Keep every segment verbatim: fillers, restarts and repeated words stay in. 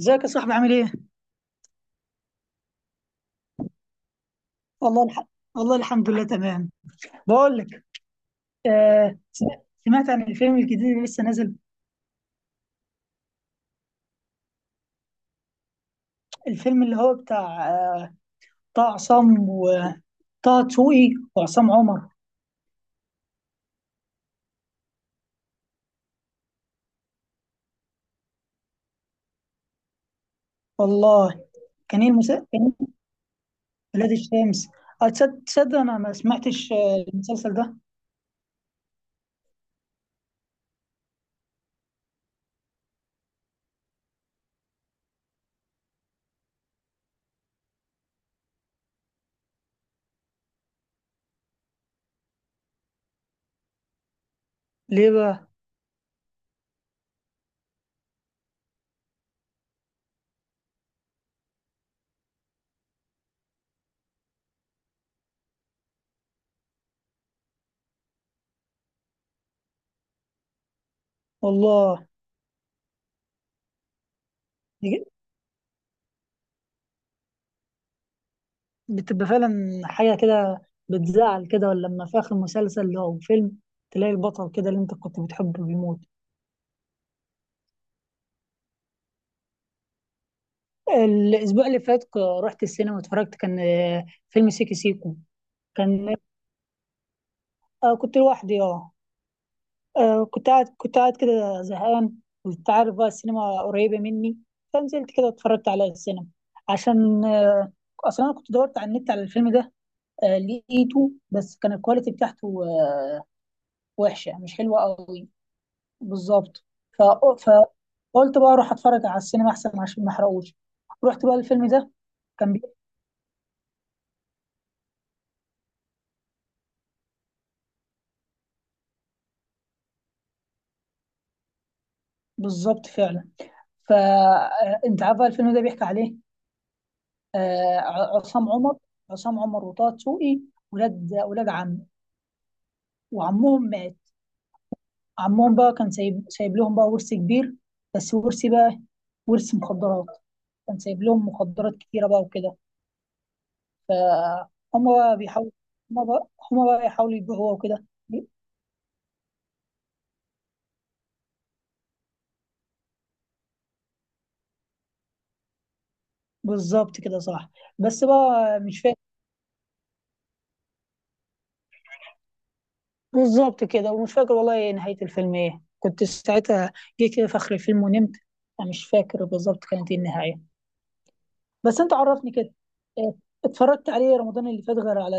ازيك يا صاحبي؟ عامل ايه؟ والله الح... والله الحمد لله تمام. بقول لك، آه سم- سمعت عن الفيلم الجديد اللي لسه نازل. الفيلم اللي هو بتاع آه طه، عصام وطه دسوقي وعصام عمر. والله كان ايه المسلسل؟ كان إيه؟ ولاد الشمس. آه، تصد- تصدق انا ما سمعتش آه المسلسل ده؟ ليه بقى؟ والله بيج- بتبقى فعلا حاجة كده. بتزعل كده ولا، لما في آخر مسلسل أو فيلم تلاقي البطل كده اللي أنت كنت بتحبه بيموت. الأسبوع اللي فات ك- رحت السينما واتفرجت، كان آه، فيلم سيكي سيكو. كان آه كنت لوحدي اه. آه، كنت قاعد، كنت قاعد كده زهقان. وأنت عارف بقى السينما قريبة مني، فنزلت كده اتفرجت على السينما. عشان آه، أصلا أنا كنت دورت على النت على الفيلم ده. آه، لقيته بس كان الكواليتي بتاعته آه، وحشة، مش حلوة قوي. بالظبط. ف... فقلت بقى أروح أتفرج على السينما أحسن، عشان ما أحرقوش. رحت بقى الفيلم ده، كان بي- بالظبط فعلا. فانت عارفه الفيلم ده بيحكي عليه. آه، عصام عمر، عصام عمر وطه دسوقي، ولاد ولاد عم، وعمهم مات. عمهم بقى كان سايب سايب لهم بقى ورث كبير، بس ورث بقى، ورث مخدرات. كان سايب لهم مخدرات كتيرة بقى وكده. فهم بقى بيحاولوا، هم بقى هم بقى يحاولوا يبيعوها وكده. بالظبط كده، صح. بس بقى مش فاهم، بالظبط كده، ومش فاكر والله إيه نهاية الفيلم، ايه كنت ساعتها. جه كده في آخر الفيلم ونمت. أنا مش فاكر بالظبط كانت ايه النهاية، بس أنت عرفني كده. إيه، اتفرجت عليه رمضان اللي فات غير على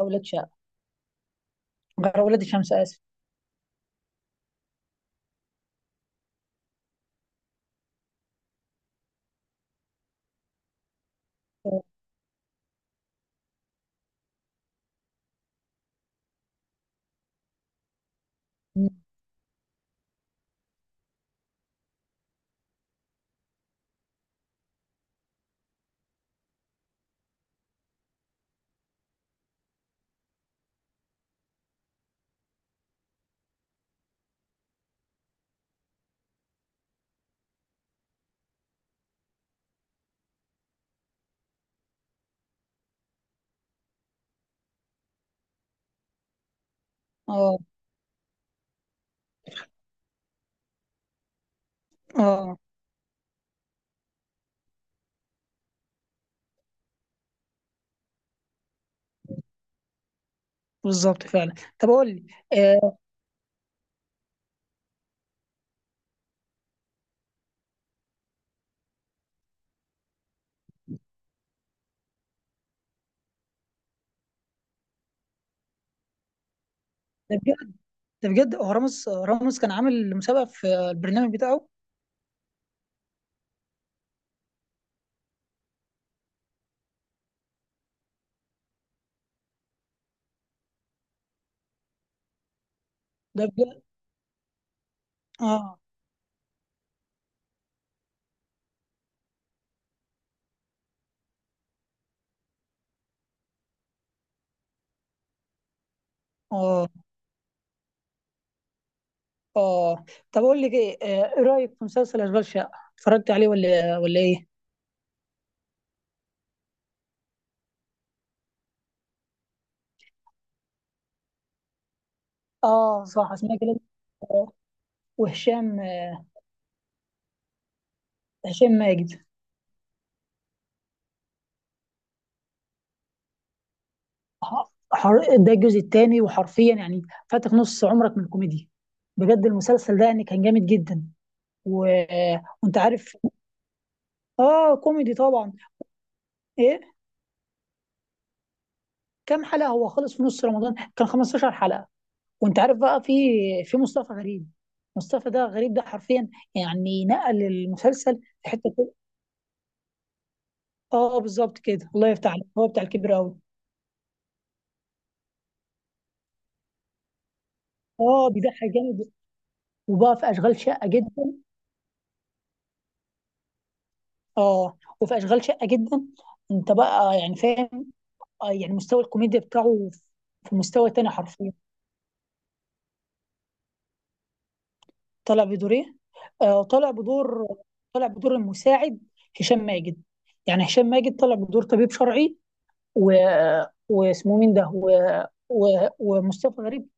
أولاد شقة، غير أولاد الشمس، آسف. اه. اه. آه، بالظبط فعلا. طب قول لي، آه، ده بجد؟ ده بجد هو رامز، رامز كان عامل مسابقة في البرنامج بتاعه؟ ده بجد. اه. اه. اه طب قول لي ايه، آه، إيه رأيك في مسلسل أشغال شقة؟ اتفرجت عليه ولا ولا ايه؟ اه صح، اسمها جلال. وهشام، هشام ماجد. ح- حر... ده الجزء الثاني، وحرفيا يعني فاتك نص عمرك من الكوميديا. بجد المسلسل ده يعني كان جامد جدا. و... وانت عارف، اه كوميدي طبعا. ايه كام حلقة؟ هو خلص في نص رمضان، كان خمسة عشر حلقة. وانت عارف بقى في في مصطفى غريب. مصطفى ده غريب ده حرفيا يعني نقل المسلسل في حتة كده. اه بالظبط كده، الله يفتح عليك، هو بتاع الكبير قوي. اه بيضحك جامد. وبقى في اشغال شقة جدا. اه وفي اشغال شقه جدا. انت بقى يعني فاهم آه، يعني مستوى الكوميديا بتاعه في مستوى تاني حرفيا. طلع بدور ايه؟ آه طلع بدور، طلع بدور المساعد. هشام ماجد، يعني هشام ماجد طلع بدور طبيب شرعي، و... واسمه مين ده، و... و... ومصطفى غريب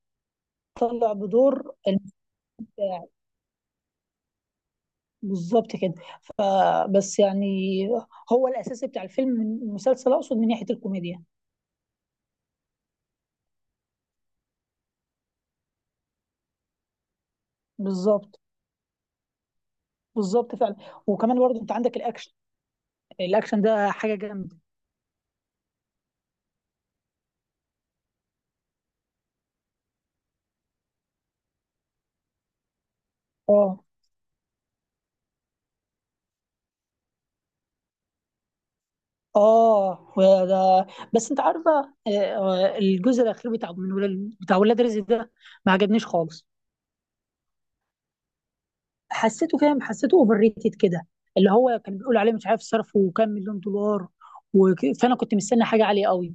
طلع بدور المساعد. بالظبط كده. فبس يعني هو الاساس بتاع الفيلم، من المسلسل اقصد، من ناحيه الكوميديا. بالظبط. بالظبط فعلا. وكمان برضه انت عندك الاكشن. الاكشن ده حاجه جامده. اه. اه. وده بس انت عارفه، آه، آه، الجزء الاخير بتاع من ولاد، بتاع ولاد رزق ده، ما عجبنيش خالص. حسيته فاهم، حسيته اوفر ريتد كده، اللي هو كان بيقول عليه مش عارف صرفه وكام مليون دولار. وك... فانا كنت مستني حاجه عاليه قوي.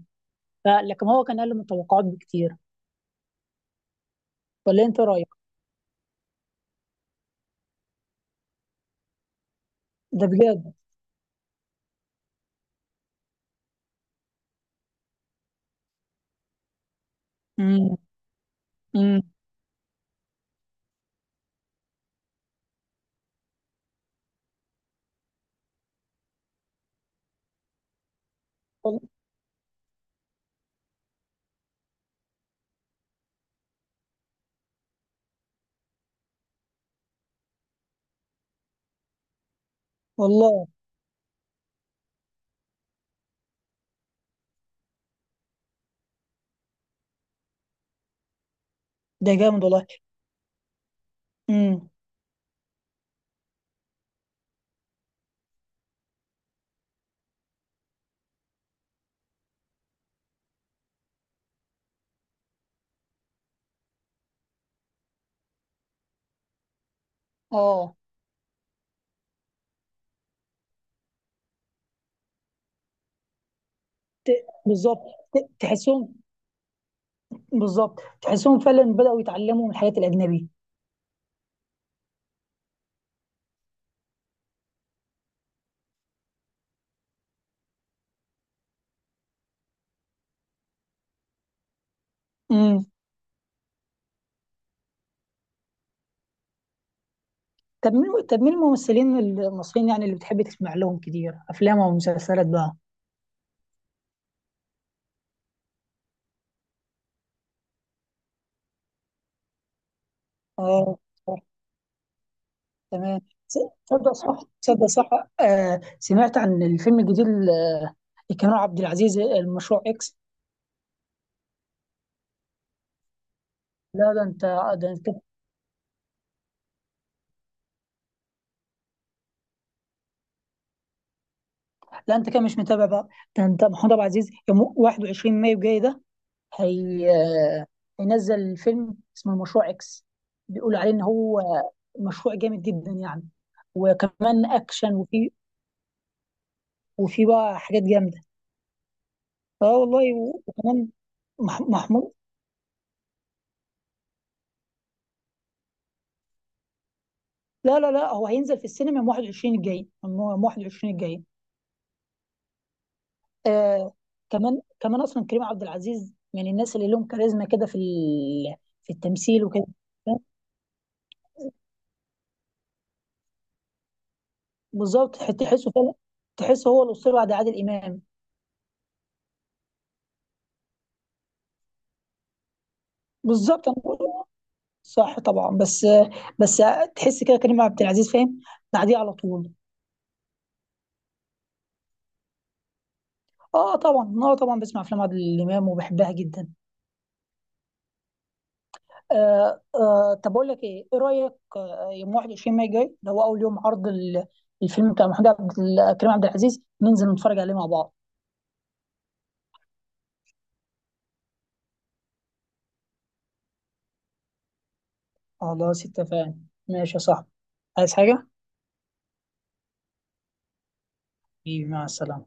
ف... لكن هو كان اقل من التوقعات بكتير. ولا انت رايك؟ ده بجد. امم. امم. والله. والله. ده جامد والله. امم. اه. ت- بالظبط. ت- تحسهم. بالظبط تحسهم فعلا بدأوا يتعلموا من الحاجات الأجنبية. امم. طب مين، طب مين الممثلين المصريين يعني اللي بتحب تسمع لهم كتير أفلام أو مسلسلات بقى؟ اه صح. تمام. س- تصدق صح، تصدق صح. آه سمعت عن الفيلم الجديد ل- لكريم عبد العزيز، المشروع إكس. لا ده انت، ده انت. لا انت كده مش متابع بقى. ده انت محمود عبد العزيز يوم واحد وعشرين مايو جاي ده. هي هينزل فيلم اسمه مشروع اكس. بيقولوا عليه ان هو مشروع جامد جدا يعني. وكمان اكشن، وفي، وفي بقى حاجات جامده. اه والله. و- وكمان مح- محمود، لا لا لا هو هينزل في السينما يوم واحد وعشرين الجاي، يوم واحد وعشرين الجاي. آه. كمان، كمان اصلا كريم عبد العزيز من الناس اللي لهم كاريزما كده في ال- في التمثيل وكده. بالظبط تح- تحسه فعلا. تحسه هو الاسطوره بعد عادل امام. بالظبط. انا، صح طبعا. بس بس تحس كده كريم عبد العزيز فاهم، بعديه على طول. اه طبعا، اه طبعا بسمع افلام عادل امام وبحبها جدا. آه آه طب اقول لك ايه، ايه رايك آه، يوم واحد وعشرين ماي جاي اللي هو اول يوم عرض ال- الفيلم بتاع محمود عبد ال- كريم عبد العزيز، ننزل نتفرج عليه مع بعض؟ خلاص اتفقنا. ماشي يا صاحبي. عايز حاجه؟ حبيبي، مع السلامه.